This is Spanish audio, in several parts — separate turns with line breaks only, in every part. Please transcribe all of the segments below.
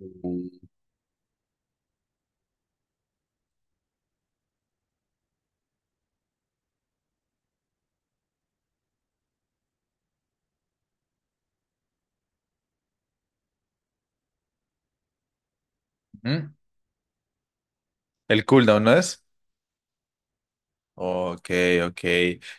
Ujú. El cooldown, ¿no es? Ok, ok.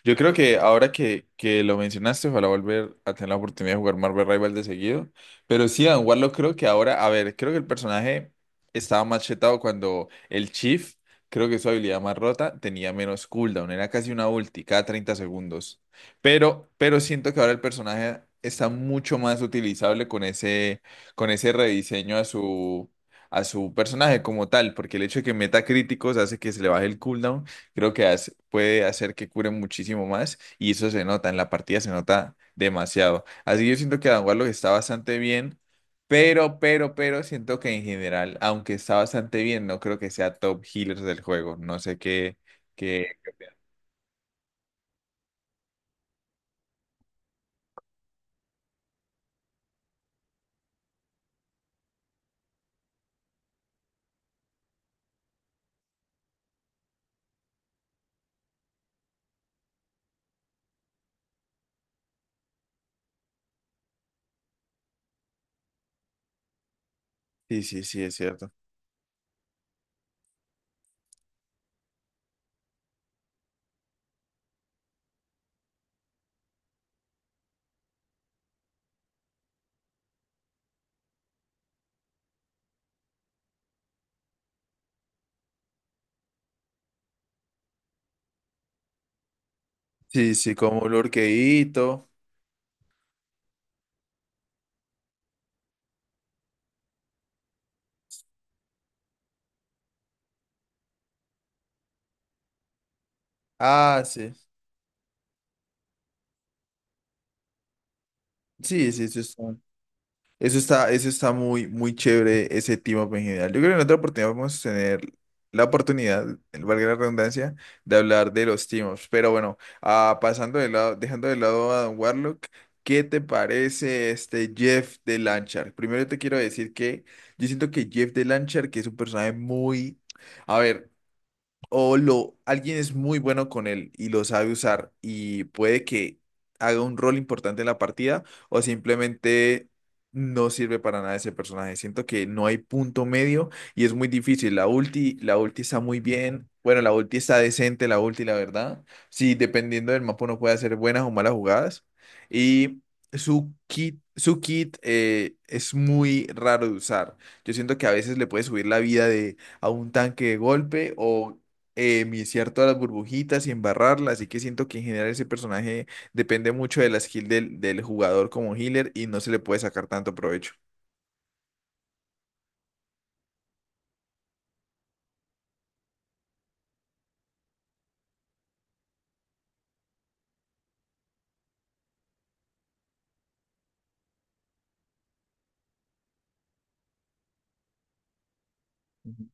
Yo creo que ahora que lo mencionaste, ojalá volver a tener la oportunidad de jugar Marvel Rival de seguido. Pero sí, Dan Warlock creo que ahora, a ver, creo que el personaje estaba más chetado cuando el Chief, creo que su habilidad más rota, tenía menos cooldown. Era casi una ulti cada 30 segundos. Pero siento que ahora el personaje está mucho más utilizable con ese rediseño a su personaje como tal. Porque el hecho de que meta críticos hace que se le baje el cooldown creo que puede hacer que cure muchísimo más y eso se nota, en la partida se nota demasiado. Así que yo siento que Adam Warlock está bastante bien, pero siento que en general, aunque está bastante bien, no creo que sea top healer del juego. No sé qué, qué... Sí, sí, sí, es cierto. Sí, sí, como Lurkeito. Ah, sí. Sí, sí, sí. Eso está muy, muy chévere, ese team up en general. Yo creo que en otra oportunidad vamos a tener la oportunidad, valga la redundancia, de hablar de los team ups. Pero bueno, pasando de lado, dejando de lado a Don Warlock, ¿qué te parece este Jeff de Lanchar? Primero te quiero decir que yo siento que Jeff de Lanchar, que es un personaje muy... A ver. O lo, alguien es muy bueno con él y lo sabe usar y puede que haga un rol importante en la partida o simplemente no sirve para nada ese personaje. Siento que no hay punto medio y es muy difícil. La ulti está muy bien. Bueno, la ulti está decente, la ulti, la verdad. Sí, dependiendo del mapa uno puede hacer buenas o malas jugadas. Y su kit es muy raro de usar. Yo siento que a veces le puede subir la vida de a un tanque de golpe o viciar todas las burbujitas y embarrarlas, así que siento que en general ese personaje depende mucho de la skill del, del jugador como healer y no se le puede sacar tanto provecho. Ujú.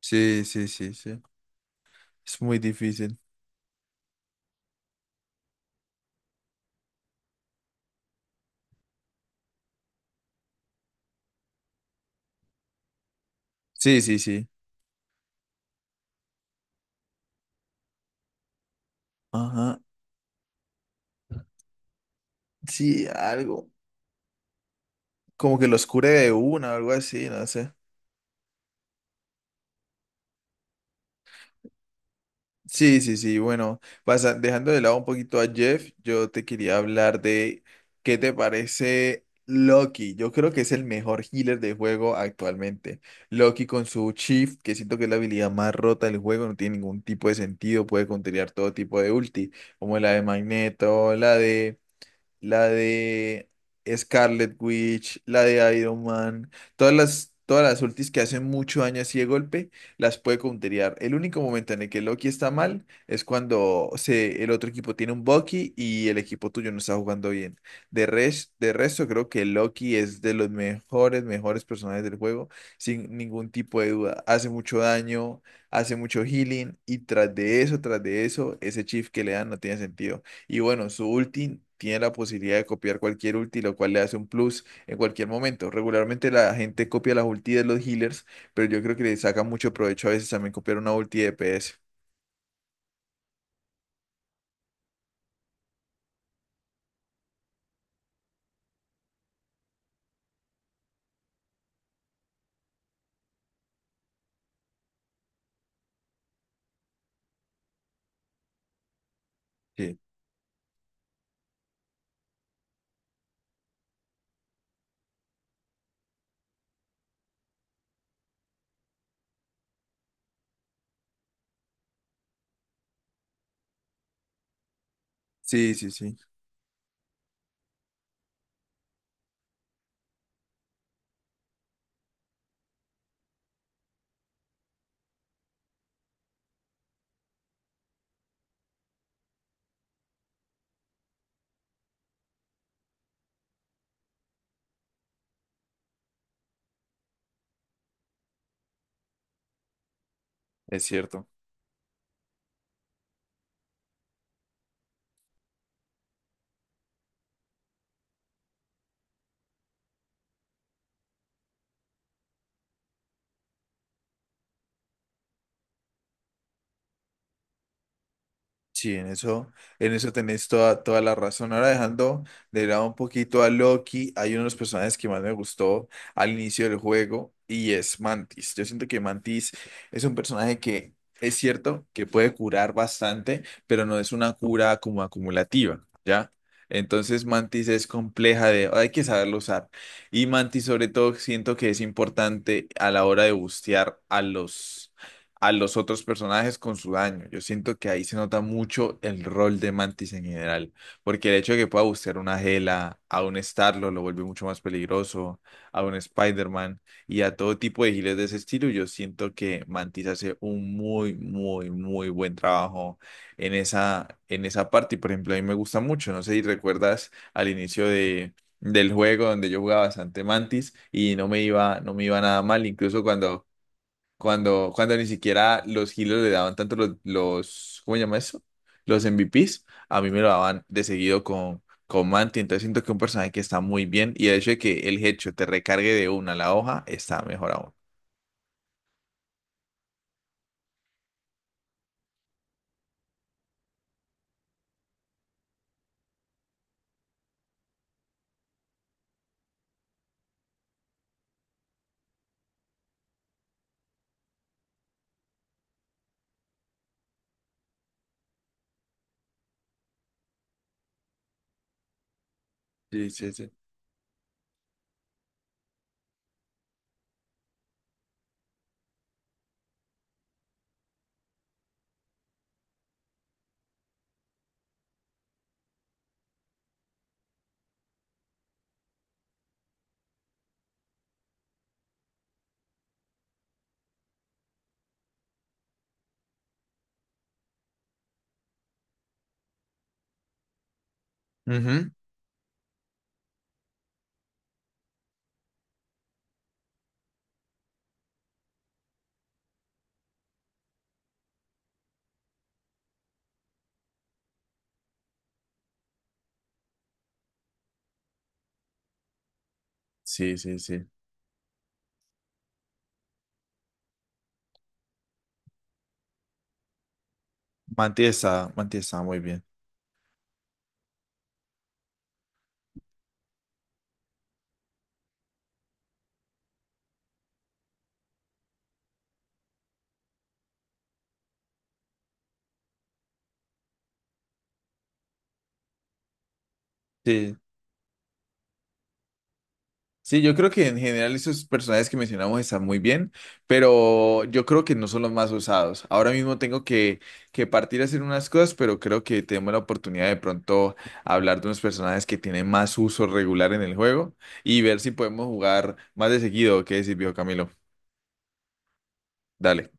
Sí, sí, sí, sí. Es muy difícil. Sí, sí, sí. Ajá. Sí, algo. Como que los cure de una o algo así, no sé. Sí, sí, sí. Bueno, dejando de lado un poquito a Jeff, yo te quería hablar de qué te parece Loki. Yo creo que es el mejor healer del juego actualmente. Loki con su Shift, que siento que es la habilidad más rota del juego, no tiene ningún tipo de sentido, puede counterear todo tipo de ulti, como la de Magneto, la de Scarlet Witch, la de Iron Man, todas las ultis que hacen mucho daño así de golpe, las puede counterear. El único momento en el que Loki está mal es cuando se, el otro equipo tiene un Bucky y el equipo tuyo no está jugando bien. De resto, creo que Loki es de los mejores personajes del juego, sin ningún tipo de duda. Hace mucho daño, hace mucho healing y tras de eso, ese chief que le dan no tiene sentido. Y bueno, su ulti tiene la posibilidad de copiar cualquier ulti, lo cual le hace un plus en cualquier momento. Regularmente la gente copia las ulti de los healers, pero yo creo que le saca mucho provecho a veces también copiar una ulti de PS. Sí, sí, sí, sí, es cierto. Sí, en eso tenés toda, toda la razón. Ahora dejando de lado un poquito a Loki, hay uno de los personajes que más me gustó al inicio del juego y es Mantis. Yo siento que Mantis es un personaje que es cierto que puede curar bastante, pero no es una cura como acumulativa, ¿ya? Entonces Mantis es compleja de, hay que saberlo usar. Y Mantis sobre todo siento que es importante a la hora de bustear a los otros personajes con su daño. Yo siento que ahí se nota mucho el rol de Mantis en general, porque el hecho de que pueda buscar una Gela, a un Starlo lo vuelve mucho más peligroso, a un Spider-Man y a todo tipo de giles de ese estilo, yo siento que Mantis hace un muy, muy, muy buen trabajo en esa parte. Y por ejemplo, a mí me gusta mucho, no sé si recuerdas al inicio de... del juego donde yo jugaba bastante Mantis y no me iba, no me iba nada mal, incluso cuando ni siquiera los hilos le daban tanto los, ¿cómo se llama eso? Los MVPs, a mí me lo daban de seguido con Manti, entonces siento que es un personaje que está muy bien y el hecho de que el hecho te recargue de una la hoja está mejor aún. Sí, sí, sí. Ujú. Sí, sí, sí. Manti está muy bien. Sí, sí, yo creo que en general esos personajes que mencionamos están muy bien, pero yo creo que no son los más usados. Ahora mismo tengo que partir a hacer unas cosas, pero creo que tenemos la oportunidad de pronto hablar de unos personajes que tienen más uso regular en el juego y ver si podemos jugar más de seguido. ¿Qué decís, viejo Camilo? Dale.